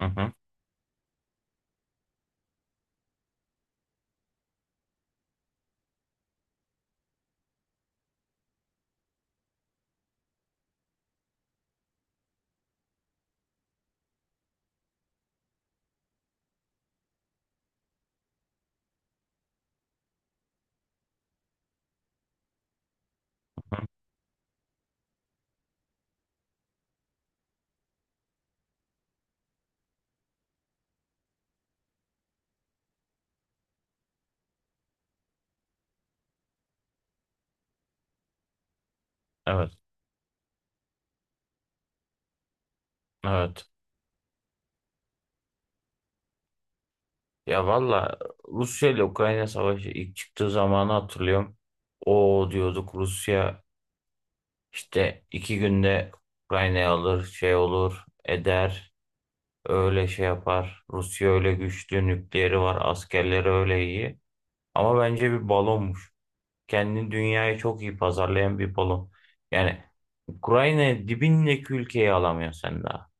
Hı hı, hı hı. Evet, evet. Ya valla Rusya ile Ukrayna savaşı ilk çıktığı zamanı hatırlıyorum. O diyorduk Rusya işte iki günde Ukrayna'yı alır, şey olur, eder, öyle şey yapar. Rusya öyle güçlü, nükleeri var, askerleri öyle iyi. Ama bence bir balonmuş. Kendini dünyayı çok iyi pazarlayan bir balon. Yani Ukrayna dibindeki ülkeyi alamıyor sen daha.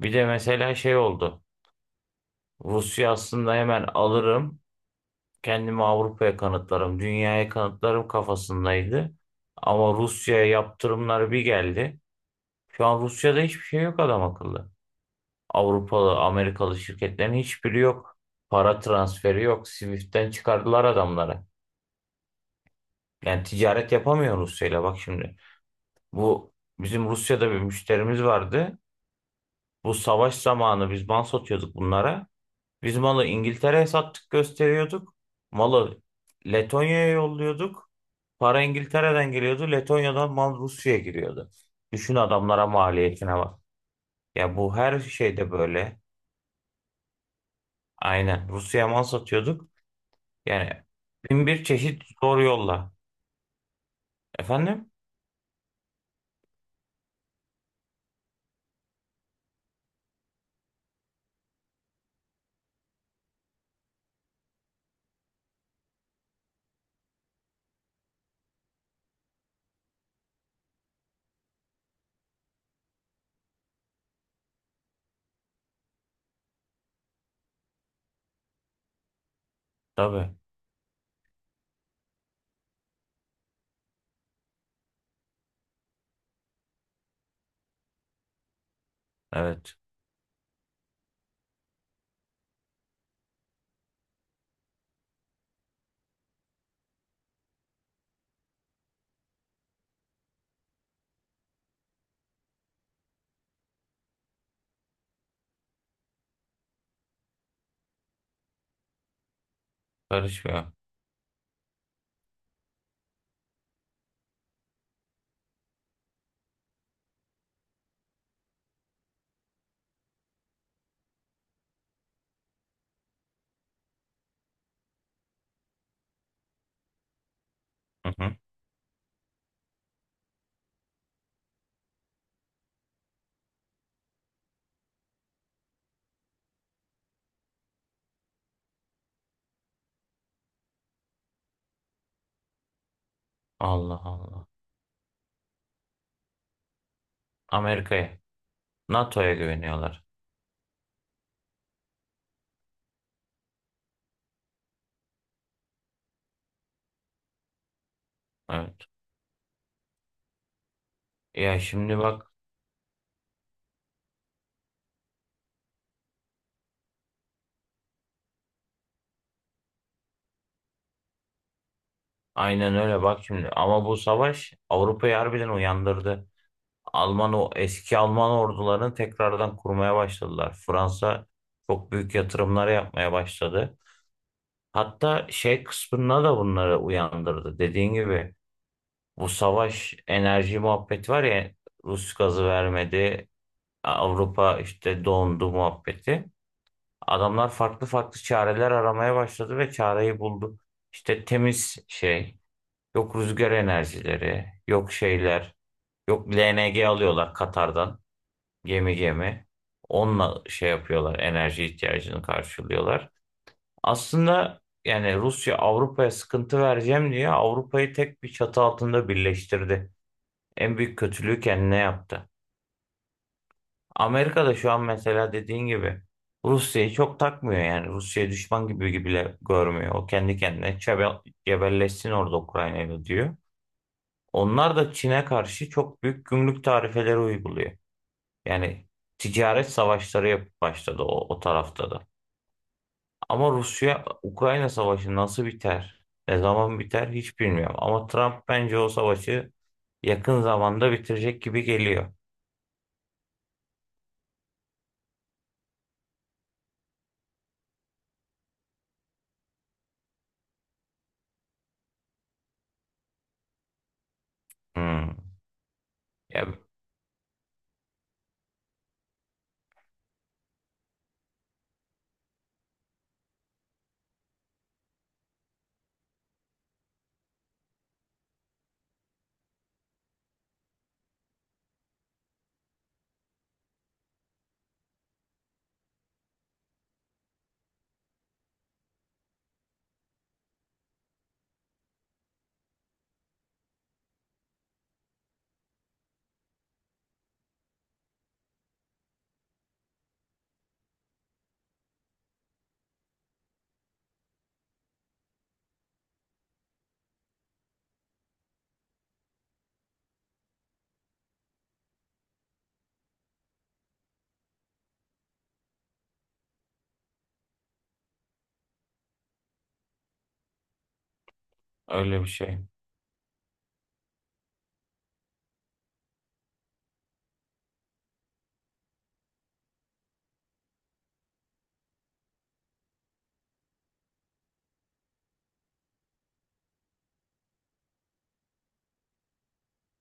Bir de mesela şey oldu. Rusya aslında hemen alırım. Kendimi Avrupa'ya kanıtlarım, dünyaya kanıtlarım kafasındaydı. Ama Rusya'ya yaptırımlar bir geldi. Şu an Rusya'da hiçbir şey yok adam akıllı. Avrupalı, Amerikalı şirketlerin hiçbiri yok. Para transferi yok. Swift'ten çıkardılar adamları. Yani ticaret yapamıyor Rusya'yla bak şimdi. Bu bizim Rusya'da bir müşterimiz vardı. Bu savaş zamanı biz mal satıyorduk bunlara. Biz malı İngiltere'ye sattık gösteriyorduk. Malı Letonya'ya yolluyorduk. Para İngiltere'den geliyordu. Letonya'dan mal Rusya'ya giriyordu. Düşün adamlara maliyetine bak. Ya bu her şeyde böyle. Aynen. Rusya'ya mal satıyorduk. Yani bin bir çeşit zor yolla. Efendim? Tabii. Evet. Karışmıyor. Hı hı. Allah Allah. Amerika'ya. NATO'ya güveniyorlar. Evet. Ya şimdi bak. Aynen öyle bak şimdi. Ama bu savaş Avrupa'yı harbiden uyandırdı. Alman o eski Alman ordularını tekrardan kurmaya başladılar. Fransa çok büyük yatırımlar yapmaya başladı. Hatta şey kısmına da bunları uyandırdı. Dediğin gibi bu savaş enerji muhabbeti var ya, Rus gazı vermedi. Avrupa işte dondu muhabbeti. Adamlar farklı farklı çareler aramaya başladı ve çareyi buldu. İşte temiz şey, yok rüzgar enerjileri, yok şeyler, yok LNG alıyorlar Katar'dan gemi gemi. Onunla şey yapıyorlar, enerji ihtiyacını karşılıyorlar. Aslında yani Rusya Avrupa'ya sıkıntı vereceğim diye Avrupa'yı tek bir çatı altında birleştirdi. En büyük kötülüğü kendine yaptı. Amerika da şu an mesela dediğin gibi Rusya'yı çok takmıyor yani. Rusya'yı düşman gibi bile görmüyor. O kendi kendine cebelleşsin orada Ukrayna'yla diyor. Onlar da Çin'e karşı çok büyük gümrük tarifeleri uyguluyor. Yani ticaret savaşları yapıp başladı o tarafta da. Ama Rusya-Ukrayna savaşı nasıl biter, ne zaman biter hiç bilmiyorum. Ama Trump bence o savaşı yakın zamanda bitirecek gibi geliyor. Hmm. Ya, öyle bir şey.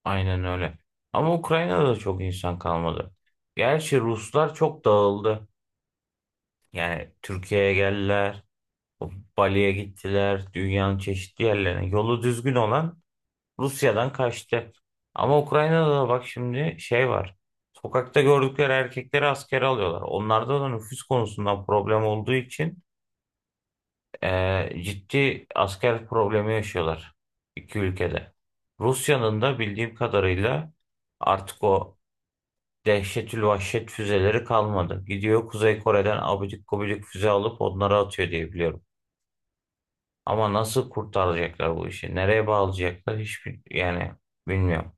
Aynen öyle. Ama Ukrayna'da da çok insan kalmadı. Gerçi Ruslar çok dağıldı. Yani Türkiye'ye geldiler. Bali'ye gittiler, dünyanın çeşitli yerlerine. Yolu düzgün olan Rusya'dan kaçtı. Ama Ukrayna'da da bak şimdi şey var. Sokakta gördükleri erkekleri askere alıyorlar. Onlarda da nüfus konusundan problem olduğu için ciddi asker problemi yaşıyorlar iki ülkede. Rusya'nın da bildiğim kadarıyla artık o dehşetül vahşet füzeleri kalmadı. Gidiyor Kuzey Kore'den abidik gubidik füze alıp onları atıyor diye biliyorum. Ama nasıl kurtaracaklar bu işi? Nereye bağlayacaklar? Hiçbir yani bilmiyorum.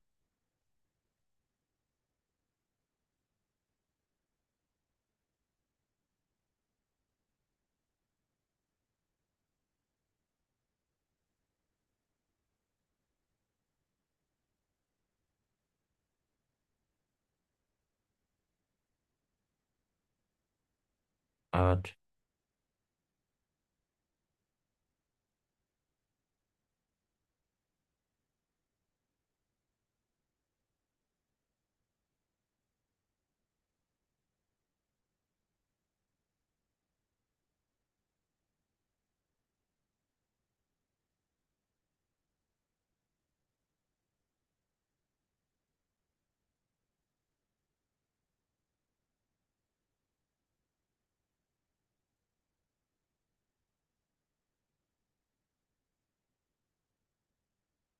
Evet.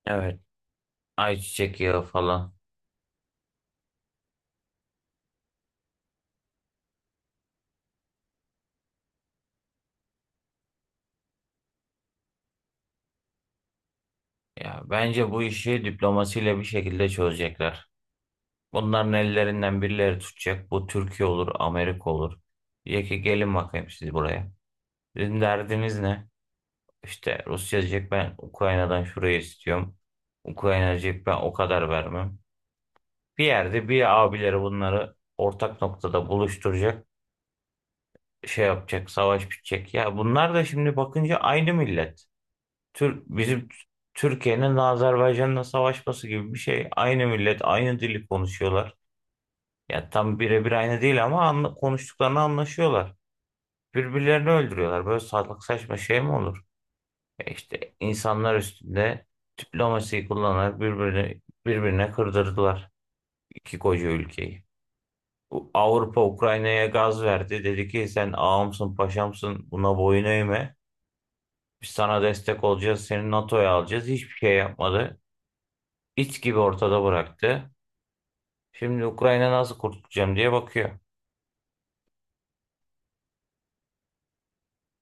Evet. Ayçiçek yağı falan. Ya bence bu işi diplomasiyle bir şekilde çözecekler. Bunların ellerinden birileri tutacak. Bu Türkiye olur, Amerika olur. Diyecek ki gelin bakayım siz buraya. Sizin derdiniz ne? İşte Rusya diyecek ben Ukrayna'dan şurayı istiyorum. Ukrayna diyecek ben o kadar vermem. Bir yerde bir abileri bunları ortak noktada buluşturacak. Şey yapacak, savaş bitecek. Ya bunlar da şimdi bakınca aynı millet. Tür, bizim Türkiye'nin Azerbaycan'la savaşması gibi bir şey. Aynı millet, aynı dili konuşuyorlar. Ya tam birebir aynı değil ama anla, konuştuklarını anlaşıyorlar. Birbirlerini öldürüyorlar. Böyle salak saçma şey mi olur? E işte insanlar üstünde diplomasiyi kullanarak birbirini birbirine kırdırdılar iki koca ülkeyi. Bu Avrupa Ukrayna'ya gaz verdi. Dedi ki sen ağamsın paşamsın buna boyun eğme. Biz sana destek olacağız, seni NATO'ya alacağız. Hiçbir şey yapmadı. İç gibi ortada bıraktı. Şimdi Ukrayna nasıl kurtulacağım diye bakıyor.